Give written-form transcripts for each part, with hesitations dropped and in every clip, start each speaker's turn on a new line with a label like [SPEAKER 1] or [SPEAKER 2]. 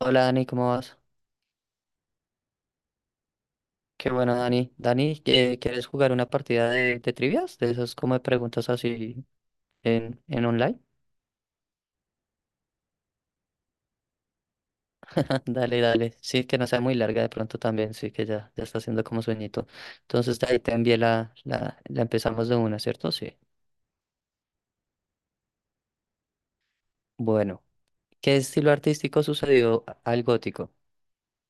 [SPEAKER 1] Hola Dani, ¿cómo vas? Qué bueno Dani. Dani, ¿quieres jugar una partida de trivias? De esas como de preguntas así en online. Dale, dale. Sí, que no sea muy larga de pronto también, sí que ya, ya está haciendo como sueñito. Entonces de ahí te envié la empezamos de una, ¿cierto? Sí. Bueno, ¿qué estilo artístico sucedió al gótico?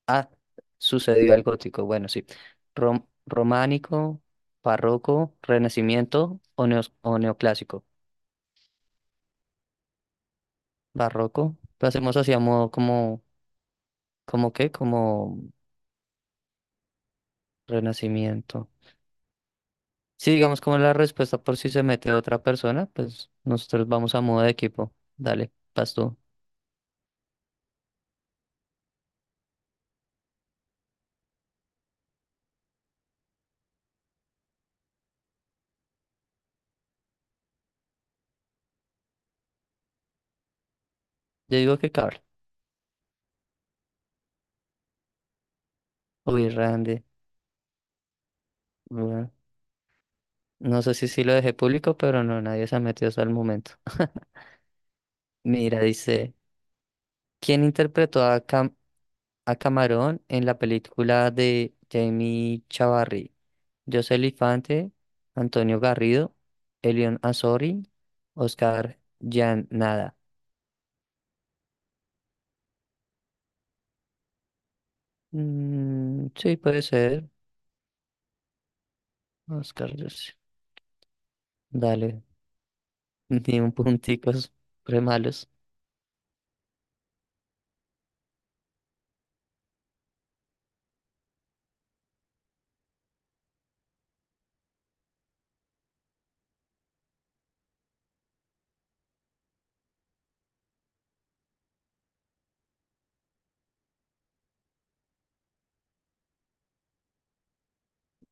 [SPEAKER 1] Ah, sucedió al gótico, bueno, sí. Románico, barroco, renacimiento o neoclásico. Barroco. Lo hacemos así a modo como, como qué, como renacimiento. Sí, digamos como la respuesta por si se mete otra persona, pues nosotros vamos a modo de equipo. Dale, vas tú. Yo digo que Carl. Uy, Randy. Bueno, no sé si sí lo dejé público, pero no, nadie se ha metido hasta el momento. Mira, dice, ¿quién interpretó a Camarón en la película de Jamie Chavarri? José Elifante, Antonio Garrido, Elion Azori, Oscar Jan Nada. Mm, sí, puede ser. Oscar, José. Dale, ni un punticos re malos.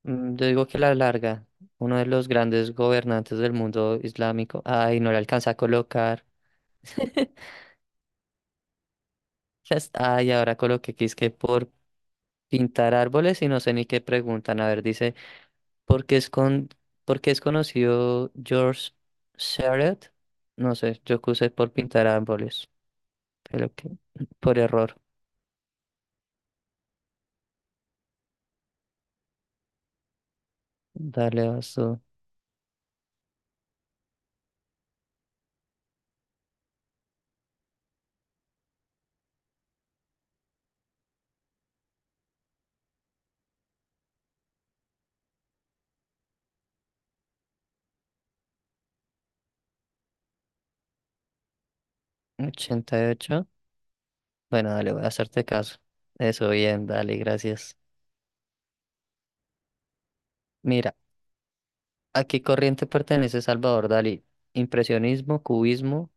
[SPEAKER 1] Yo digo que la larga, uno de los grandes gobernantes del mundo islámico. Ay, no le alcanza a colocar. Ay, ahora coloqué que es que por pintar árboles y no sé ni qué preguntan. A ver, dice. porque es con, porque es conocido George Seurat? No sé, yo puse por pintar árboles, pero que por error. Dale, vas tú. Ochenta y ocho. Bueno, dale, voy a hacerte caso. Eso, bien, dale, gracias. Mira, ¿a qué corriente pertenece Salvador Dalí? Impresionismo, cubismo,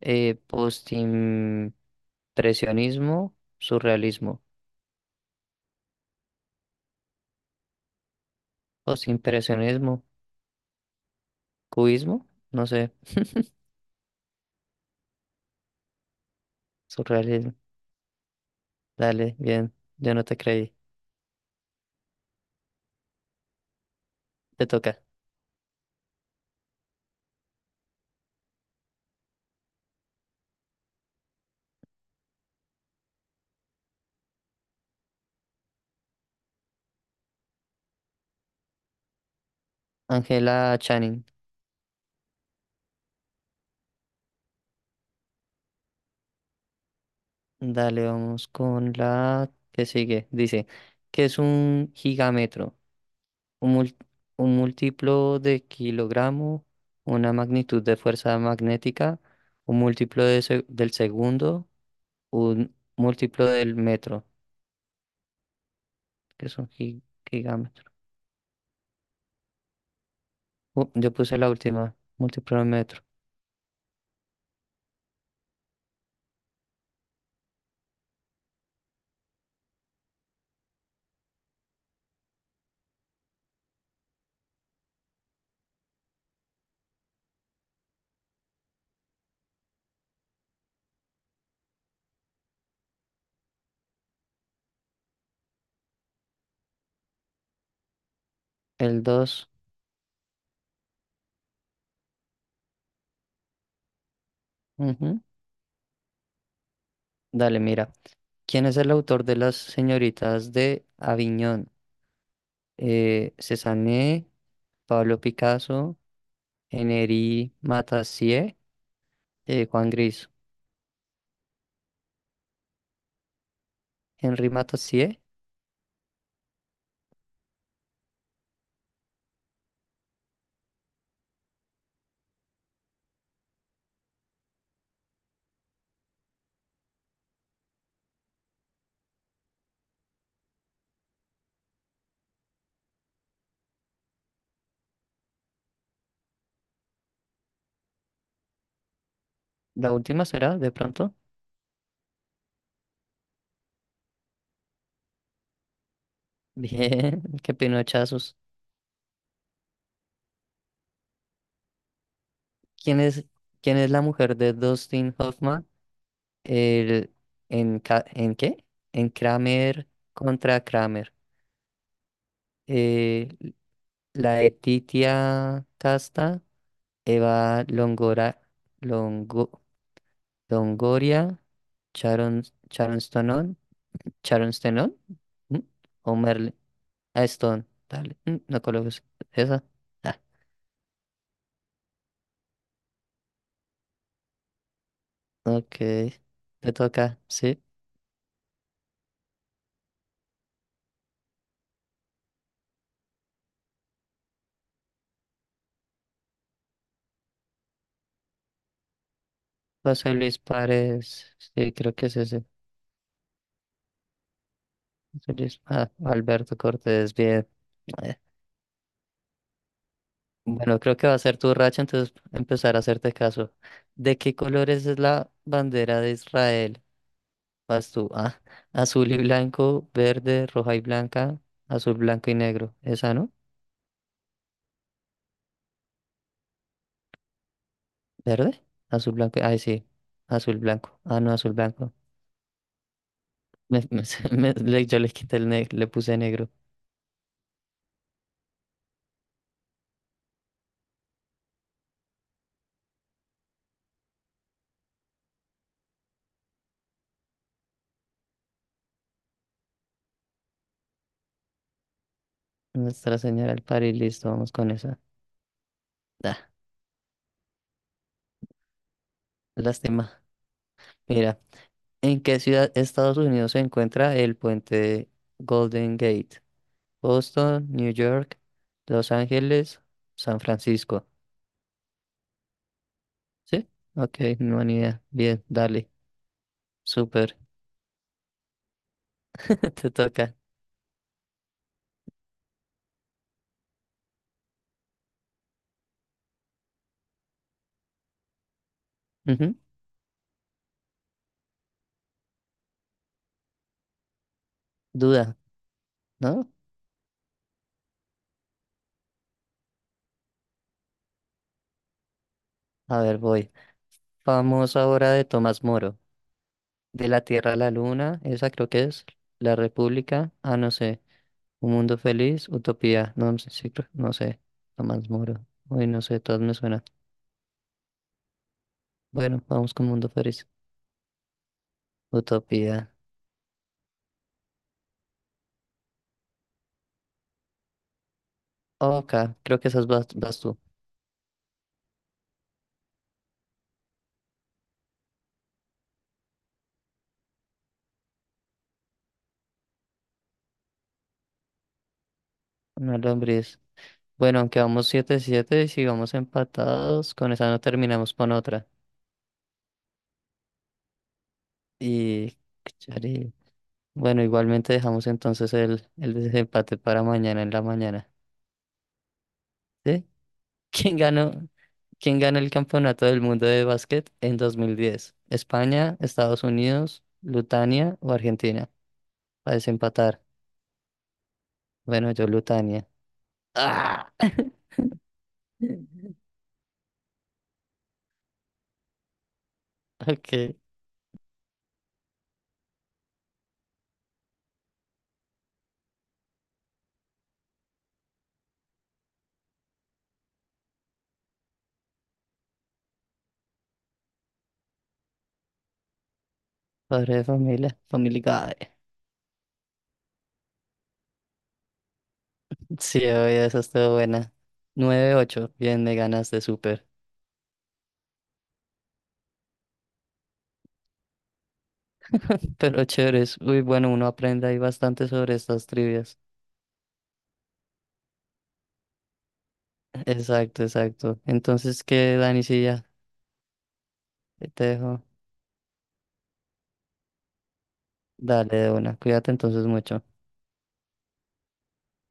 [SPEAKER 1] eh, postim- surrealismo. O impresionismo, cubismo, no sé, surrealismo. Dale, bien, yo no te creí. Te toca. Angela Channing. Dale, vamos con la que sigue. Dice, ¿qué es un gigametro? Un, mul- un múltiplo de kilogramo, una magnitud de fuerza magnética, un múltiplo del segundo, un múltiplo del metro, que es un gigámetro. Yo puse la última, múltiplo del metro. El 2. Dale, mira. ¿Quién es el autor de Las señoritas de Aviñón? Cézanne. Pablo Picasso, Henri Mathieu, Juan Gris. Henri Mathieu, la última será, de pronto. Bien, qué pinochazos. ¿Quién es, quién es la mujer de Dustin Hoffman? El, ¿en qué? En Kramer contra Kramer. Eh, la Letitia Casta, Eva Longora, Longo- Longoria, Sharon, Sharon Stonon, Sharon Stenon, ¿Mm? Homer Ah, Stone. Dale. No coloques esa. Ah, ok. Te toca. Sí. José Luis Párez. Sí, creo que es ese. José Luis. Ah, Alberto Cortés. Bien. Eh, Bueno, creo que va a ser tu racha, entonces empezar a hacerte caso. ¿De qué colores es la bandera de Israel? Vas tú. Ah, azul y blanco, verde, roja y blanca, azul, blanco y negro. ¿Esa no? ¿Verde? Azul, blanco. Ay, sí. Azul, blanco. Ah, no, azul, blanco. Me- me- yo le quité el negro, le puse negro. Nuestra Señora del Par y listo, vamos con esa. Da, lástima. Mira, ¿en qué ciudad de Estados Unidos se encuentra el puente Golden Gate? Boston, New York, Los Ángeles, San Francisco. ¿Sí? Ok, no, ni idea. Bien, dale. Súper. Te toca. Ujú. Duda, ¿no? A ver, voy. Famosa obra de Tomás Moro. De la Tierra a la Luna, esa creo que es. La República. Ah, no sé. Un mundo feliz, utopía, no no sé, sí, no sé, Tomás Moro. Uy, no sé, todas me suenan. Bueno, vamos con mundo feliz, utopía. Ok, creo que esas vas tú. Una lombriz. Bueno, aunque vamos 7-7 y sigamos empatados, con esa no terminamos con otra. Y, chari. Bueno, igualmente dejamos entonces el desempate para mañana en la mañana. ¿Sí? ¿Quién ganó? ¿Quién gana el campeonato del mundo de básquet en 2010? ¿España, Estados Unidos, Lutania o Argentina? Para desempatar. Bueno, yo Lutania. ¡Ah! Ok, Padre de Familia, Family Guy. Sí, oye, esa estuvo buena. 9-8, bien, me ganaste súper. Pero chéveres, uy, bueno, uno aprende ahí bastante sobre estas trivias. Exacto, exacto. Entonces, ¿qué, Dani? Sí, ya te dejo. Dale de una, cuídate entonces mucho.